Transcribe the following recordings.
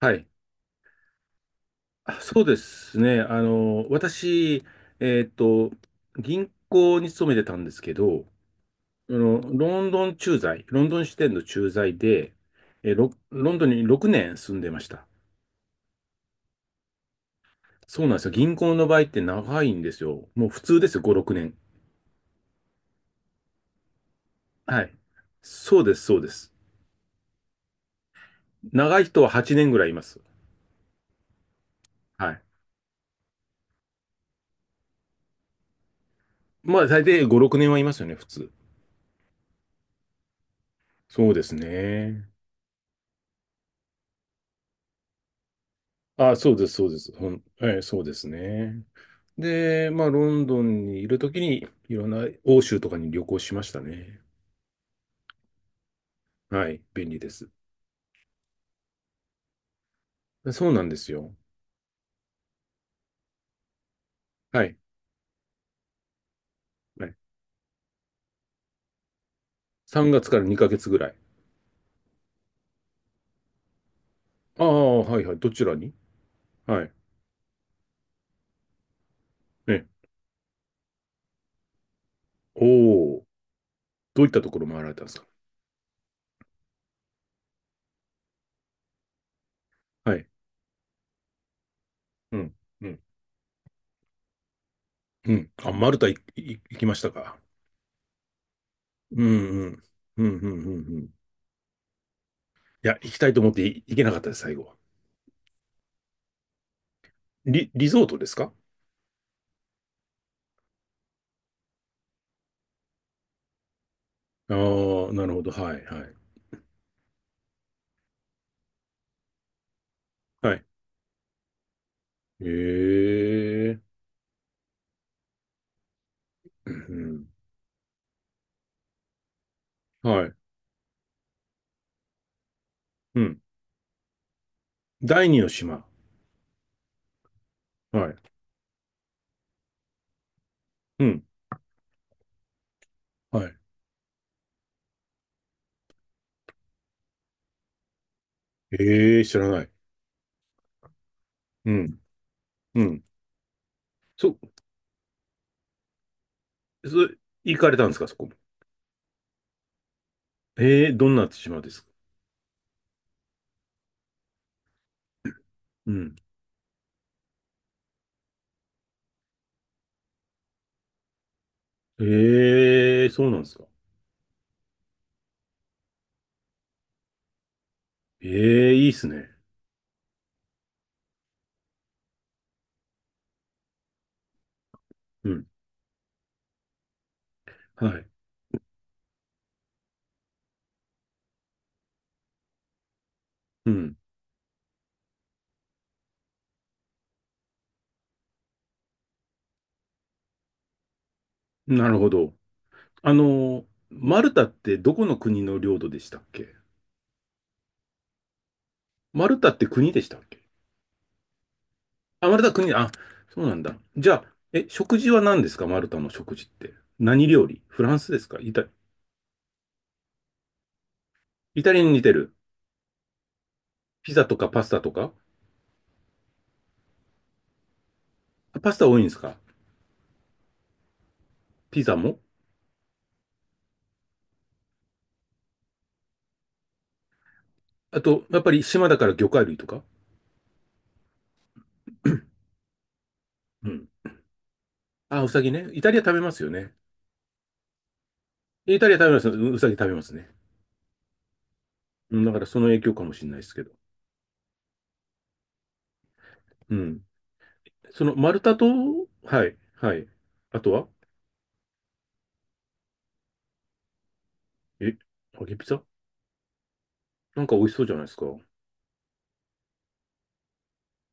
はい。あ、そうですね。私、えっと、銀行に勤めてたんですけど、ロンドン駐在、ロンドン支店の駐在で、ロンドンに6年住んでました。そうなんですよ。銀行の場合って長いんですよ。もう普通ですよ、5、6年。はい。そうです、そうです。長い人は8年ぐらいいます。はい。まあ、大体5、6年はいますよね、普通。そうですね。あ、そうです、そうです。ほん、えーそうですね。で、まあ、ロンドンにいるときに、いろんな欧州とかに旅行しましたね。はい、便利です。そうなんですよ。はい、はい。3月から2ヶ月ぐらい。ああ、はい、はい。どちらに？はい。ね。おお、どういったところ回られたんですか？はい。うん、うん、うん。あ、マルタいい行きましたか？うん、うん、うん、うん、うん。うん。いや、行きたいと思ってい行けなかったです、最後は。リゾートですか？ああー、なるほど。はい、はい。はい。ええ、うん、うん。はい。うん。第二の島。はい。うん。はい。ええー、知らない。うん。うん。そ、そ、行かれたんですか、そこも？ええー、どんな島ですか？うん。ええー、そうなんですか。ええー、いいっすね。うん。はい。うん。なるほど。マルタってどこの国の領土でしたっけ？マルタって国でしたっけ？あ、マルタ国、あ、そうなんだ。じゃあ、え、食事は何ですか？マルタの食事って。何料理？フランスですか？イタリアに似てる。ピザとかパスタとか。あ、パスタ多いんですか？ピザも。あと、やっぱり島だから魚介類とか。 うん。あ、ウサギね。イタリア食べますよね。イタリア食べます。ウサギ食べますね。うん、だからその影響かもしれないですけど。うん。その丸太と、はい、はい。あとはえ、揚げピザ。なんか美味しそうじゃないですか。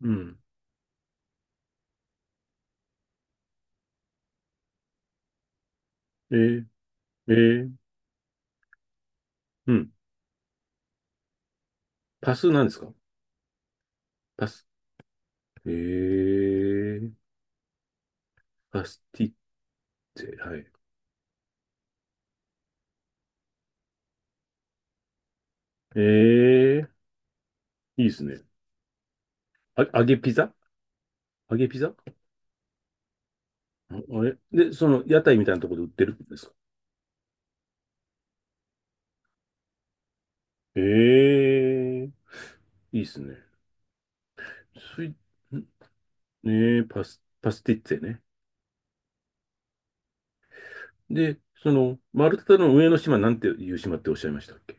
うん。えー、えー、うん。パスなんですか？パス。えー、パスティッツェ、はい。えー、いいですね。あ、揚げピザ揚げピザ。で、その屋台みたいなところで売ってるんですか？ええ、いいっすね。スイ、んねえ、パスティッツェね。で、その、マルタの上の島なんていう島っておっしゃいましたっけ？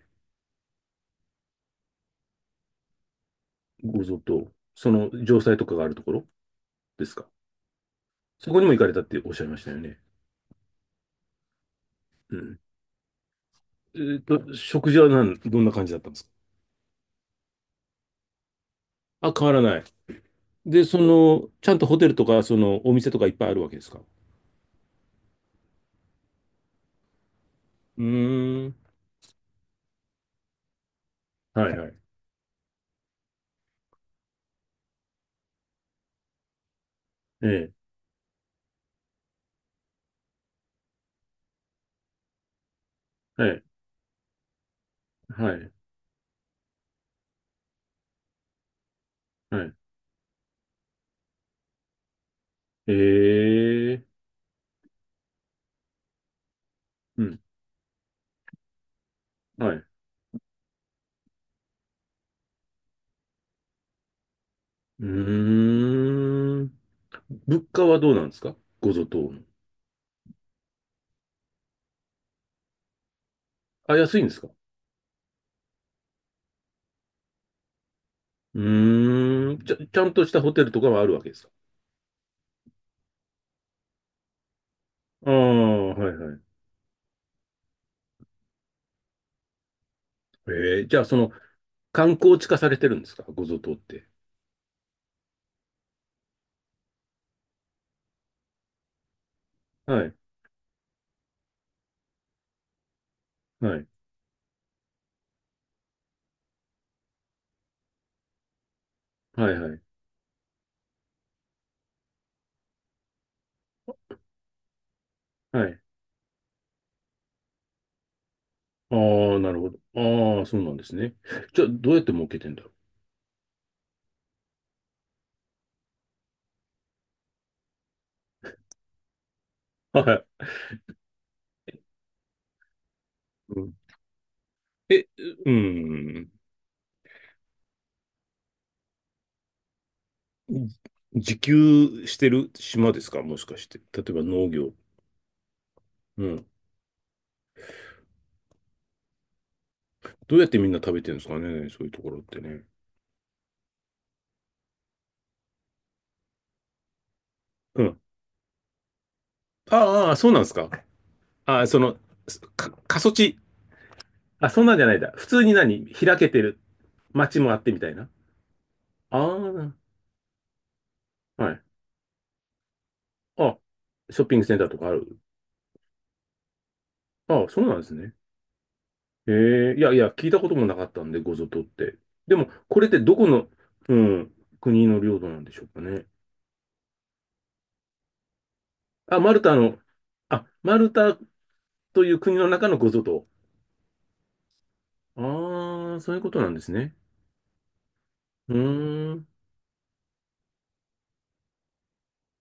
ゴゾと、その城塞とかがあるところですか？そこにも行かれたっておっしゃいましたよね。うん。えーと、食事はどんな感じだったんですか？あ、変わらない。で、その、ちゃんとホテルとか、その、お店とかいっぱいあるわけですか？うーん。はいはい。ええ、はい、はい、はい。ええ、うん、はい。うーん。物価はどうなんですか、ごゾ島の？あ、安いんですか？うーん。ちゃんとしたホテルとかはあるわけですか？ああ、はいはい。ええ、じゃあその、観光地化されてるんですか、ごゾ島って？はい、はい、はい、はい、はい。ああ、なるほど。ああ、そうなんですね。じゃあ、どうやって儲けてんだろう。はい。うん、え、うん。じ自給してる島ですか、もしかして？例えば農業。うん。どうやってみんな食べてるんですかね、そういうところってね。うん。ああ、ああ、そうなんですか。ああ、その、すか、過疎地。あ、そんなんじゃないんだ。普通に何開けてる街もあってみたいな。ああ、はい。あ、ショッピングセンターとかある。ああ、そうなんですね。へえ、いやいや、聞いたこともなかったんで、ごぞとって。でも、これってどこの、うん、国の領土なんでしょうかね。あ、マルタの、あ、マルタという国の中のごぞと。ああ、そういうことなんですね。うーん。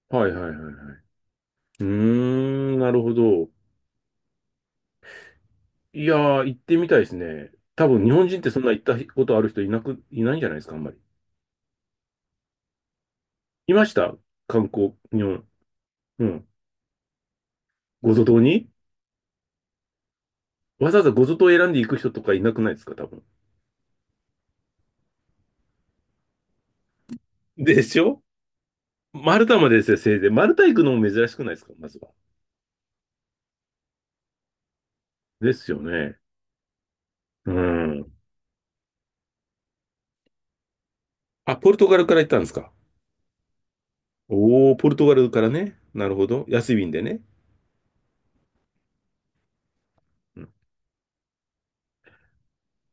はいはいはいはい。うーん、なるほど。いやー、行ってみたいですね。多分日本人ってそんな行ったことある人いないんじゃないですか、あんまり。いました観光、日本。うん。ごゾ島にわざわざごゾ島を選んで行く人とかいなくないですか、多分。でしょ。マルタまでですよ、せいぜい。マルタ行くのも珍しくないですか、まずは。ですよね。うん。あ、ポルトガルから行ったんですか。おー、ポルトガルからね。なるほど。安い便でね。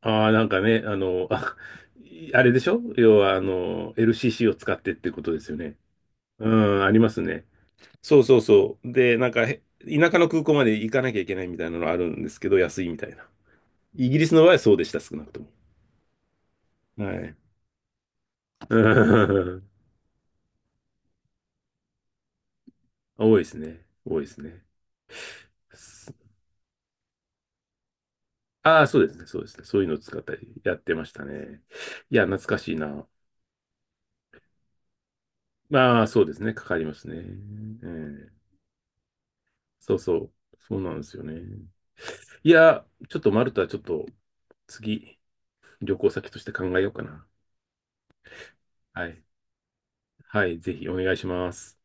ああ、なんかね、あ、あれでしょ要は、LCC を使ってってことですよね。うん、ありますね。そうそうそう。で、なんか、田舎の空港まで行かなきゃいけないみたいなのあるんですけど、安いみたいな。イギリスの場合はそうでした、少なくとも。はい。うん。 多いですね。多いですね。ああ、そうですね。そうですね。そういうのを使ったりやってましたね。いや、懐かしいな。まあ、そうですね。かかりますね。ええ、そうそう。そうなんですよね。いや、ちょっとマルタ、ちょっと次、旅行先として考えようかな。はい。はい、ぜひお願いします。